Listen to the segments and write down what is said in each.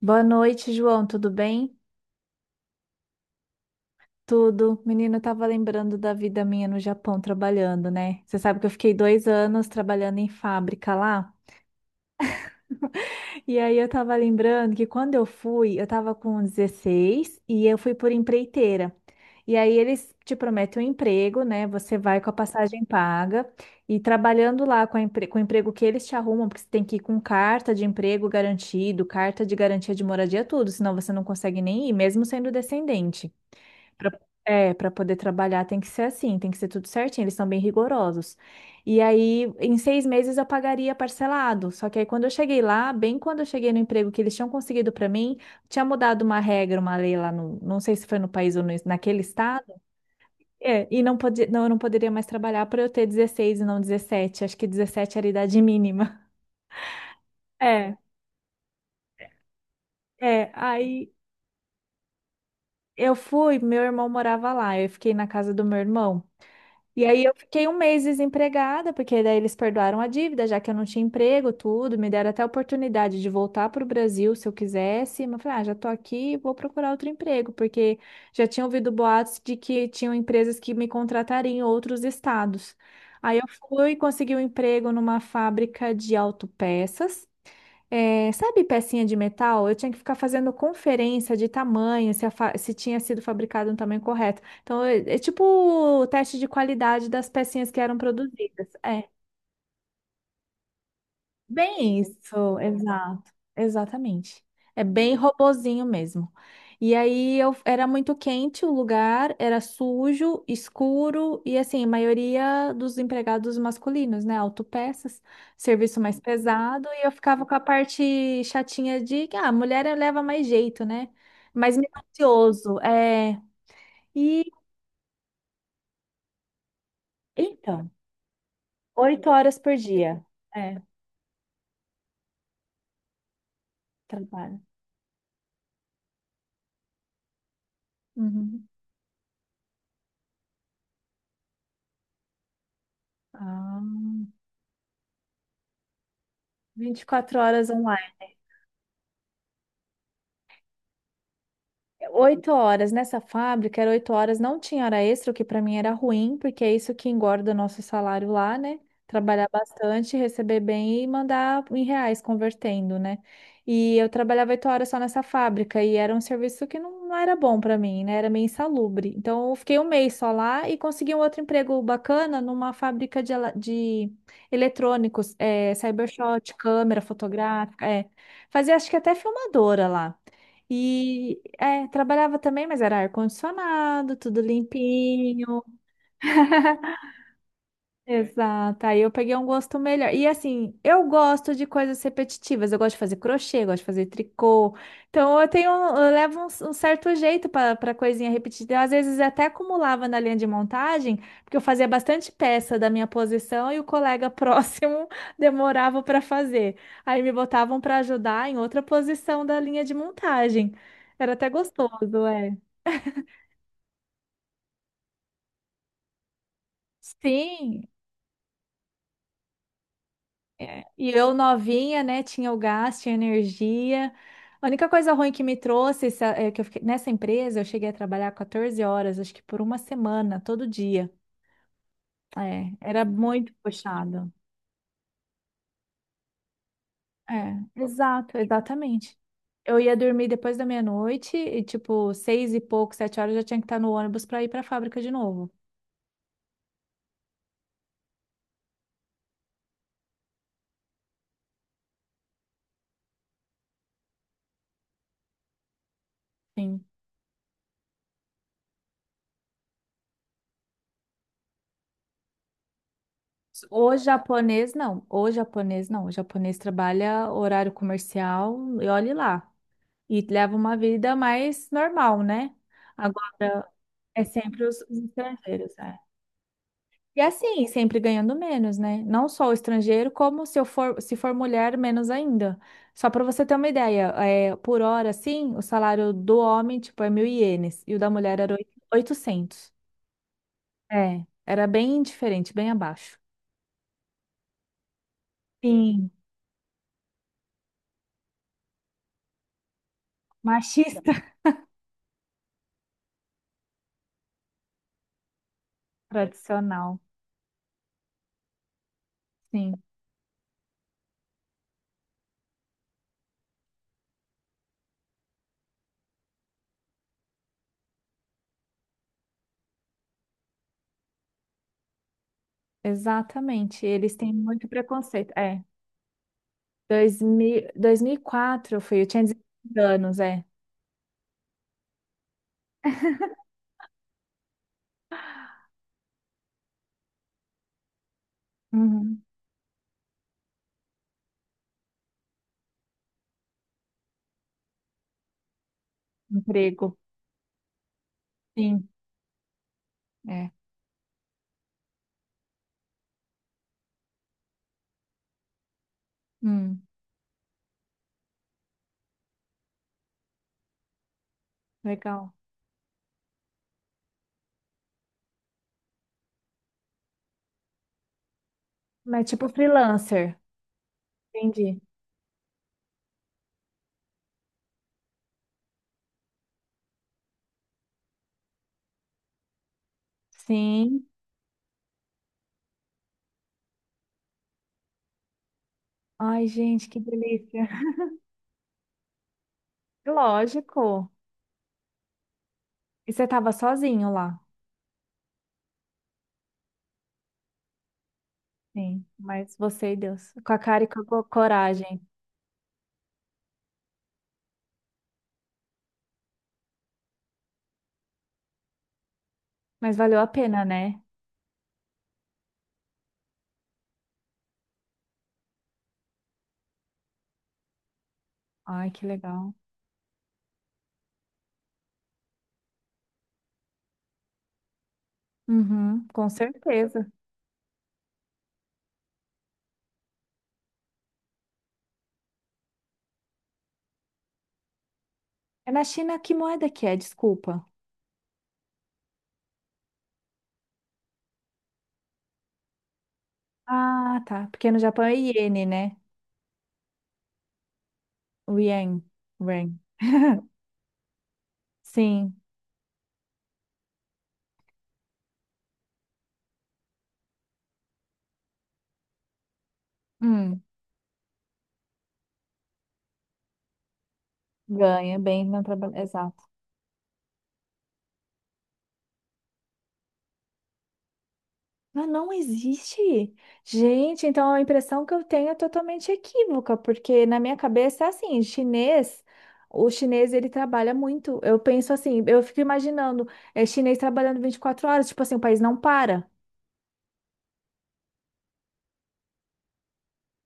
Boa noite, João. Tudo bem? Tudo. Menino, eu tava lembrando da vida minha no Japão trabalhando, né? Você sabe que eu fiquei 2 anos trabalhando em fábrica lá. E aí eu tava lembrando que quando eu fui, eu tava com 16 e eu fui por empreiteira. E aí eles te prometem um emprego, né? Você vai com a passagem paga e trabalhando lá com, com o emprego que eles te arrumam, porque você tem que ir com carta de emprego garantido, carta de garantia de moradia, tudo, senão você não consegue nem ir, mesmo sendo descendente. Pra- É, para poder trabalhar tem que ser assim, tem que ser tudo certinho, eles são bem rigorosos. E aí, em 6 meses eu pagaria parcelado. Só que aí, quando eu cheguei lá, bem quando eu cheguei no emprego que eles tinham conseguido para mim, tinha mudado uma regra, uma lei lá no, não sei se foi no país ou naquele estado, é, e não podia, não, eu não poderia mais trabalhar para eu ter 16 e não 17. Acho que 17 era a idade mínima. É, é. Aí eu fui, meu irmão morava lá, eu fiquei na casa do meu irmão. E aí eu fiquei um mês desempregada, porque daí eles perdoaram a dívida, já que eu não tinha emprego, tudo, me deram até a oportunidade de voltar para o Brasil se eu quisesse, mas eu falei, ah, já tô aqui, vou procurar outro emprego, porque já tinha ouvido boatos de que tinham empresas que me contratariam em outros estados. Aí eu fui e consegui um emprego numa fábrica de autopeças. É, sabe pecinha de metal? Eu tinha que ficar fazendo conferência de tamanho, se, se tinha sido fabricado no tamanho correto. Então, é, é tipo o teste de qualidade das pecinhas que eram produzidas. É. Bem isso, exato, exatamente. É bem robozinho mesmo. E aí eu era muito quente o lugar, era sujo, escuro e assim, a maioria dos empregados masculinos, né, autopeças, serviço mais pesado, e eu ficava com a parte chatinha de que ah, mulher leva mais jeito, né? Mais minucioso, é. E então, 8 horas por dia. É, trabalho. Uhum. Ah, 24 horas. 8 horas nessa fábrica, era 8 horas, não tinha hora extra, o que para mim era ruim, porque é isso que engorda o nosso salário lá, né? Trabalhar bastante, receber bem e mandar em reais convertendo, né? E eu trabalhava 8 horas só nessa fábrica e era um serviço que não, não era bom para mim, né? Era meio insalubre. Então eu fiquei um mês só lá e consegui um outro emprego bacana numa fábrica de, de eletrônicos, é, cybershot, câmera fotográfica, é. Fazia acho que até filmadora lá. E é, trabalhava também, mas era ar-condicionado, tudo limpinho. Exato. Aí eu peguei um gosto melhor. E assim, eu gosto de coisas repetitivas. Eu gosto de fazer crochê, eu gosto de fazer tricô. Então eu tenho, eu levo um certo jeito para coisinha repetida. Às vezes até acumulava na linha de montagem, porque eu fazia bastante peça da minha posição e o colega próximo demorava para fazer. Aí me botavam para ajudar em outra posição da linha de montagem. Era até gostoso, é. Sim, e eu novinha, né? Tinha o gás, tinha energia. A única coisa ruim que me trouxe é que eu fiquei, nessa empresa, eu cheguei a trabalhar 14 horas, acho que por uma semana, todo dia. É, era muito puxado. É, exato, exatamente. Eu ia dormir depois da meia-noite e, tipo, seis e pouco, 7 horas, eu já tinha que estar no ônibus para ir para a fábrica de novo. Sim. O japonês, não. O japonês, não. O japonês trabalha horário comercial e olhe lá. E leva uma vida mais normal, né? Agora é sempre os estrangeiros, é. E assim, sempre ganhando menos, né? Não só o estrangeiro, como se eu for, se for mulher, menos ainda. Só para você ter uma ideia, é, por hora, assim, o salário do homem, tipo, é 1.000 ienes, e o da mulher era 800. É, era bem diferente, bem abaixo. Sim, machista tradicional. Sim, exatamente. Eles têm muito preconceito. É. Dois mil, 2004 eu fui, eu tinha 16 anos, é. Uhum. Emprego. Sim, é. Hum, legal. Mas tipo freelancer. Entendi. Sim. Ai, gente, que delícia. Lógico. E você tava sozinho lá. Sim, mas você e Deus. Com a cara e com a coragem. Mas valeu a pena, né? Ai, que legal. Uhum, com certeza. É na China, que moeda que é? Desculpa. Ah, tá. Porque no Japão é iene, né? O Yang. Ren. Sim. Hum, ganha bem no trabalho. Exato. Ah, não existe. Gente, então a impressão que eu tenho é totalmente equívoca, porque na minha cabeça é assim, chinês, o chinês ele trabalha muito. Eu penso assim, eu fico imaginando, é chinês trabalhando 24 horas, tipo assim, o país não para.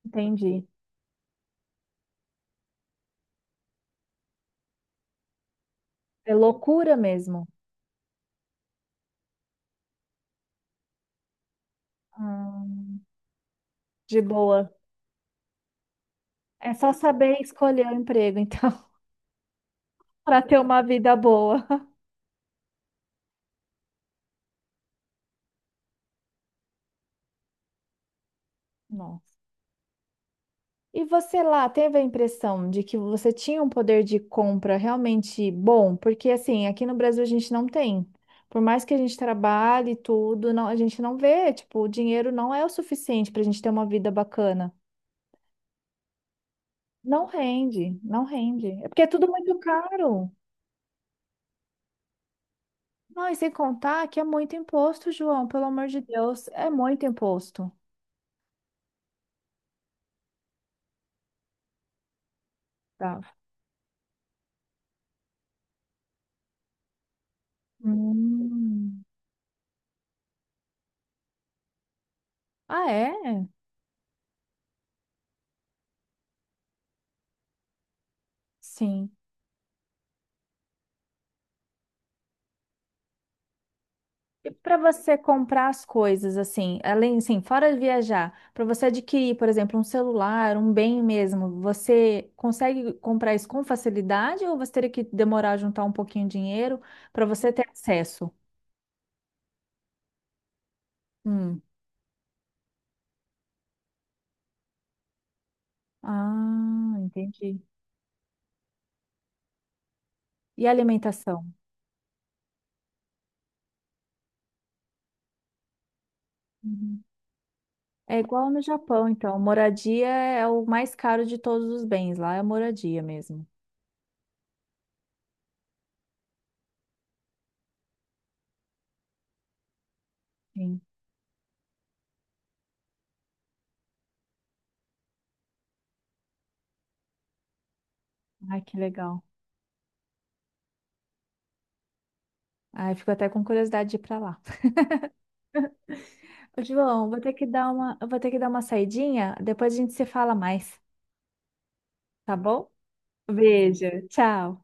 Entendi. É loucura mesmo. Hum, de boa. É só saber escolher o emprego, então, para ter uma vida boa. Nossa. E você lá teve a impressão de que você tinha um poder de compra realmente bom? Porque assim, aqui no Brasil a gente não tem. Por mais que a gente trabalhe e tudo, não, a gente não vê, tipo, o dinheiro não é o suficiente para a gente ter uma vida bacana. Não rende, não rende. É porque é tudo muito caro. Não, e sem contar que é muito imposto, João, pelo amor de Deus, é muito imposto. Tá. Hum. Ah, é? Sim. E para você comprar as coisas, assim, além, assim, fora de viajar, para você adquirir, por exemplo, um celular, um bem mesmo, você consegue comprar isso com facilidade ou você teria que demorar a juntar um pouquinho de dinheiro para você ter acesso? Hum. Ah, entendi. E alimentação? Uhum. É igual no Japão, então. Moradia é o mais caro de todos os bens. Lá é moradia mesmo. Sim. Ai, que legal. Ai, fico até com curiosidade de ir para lá. Ô, João, vou ter que dar uma, eu vou ter que dar uma saidinha, depois a gente se fala mais, tá bom? Beijo, tchau.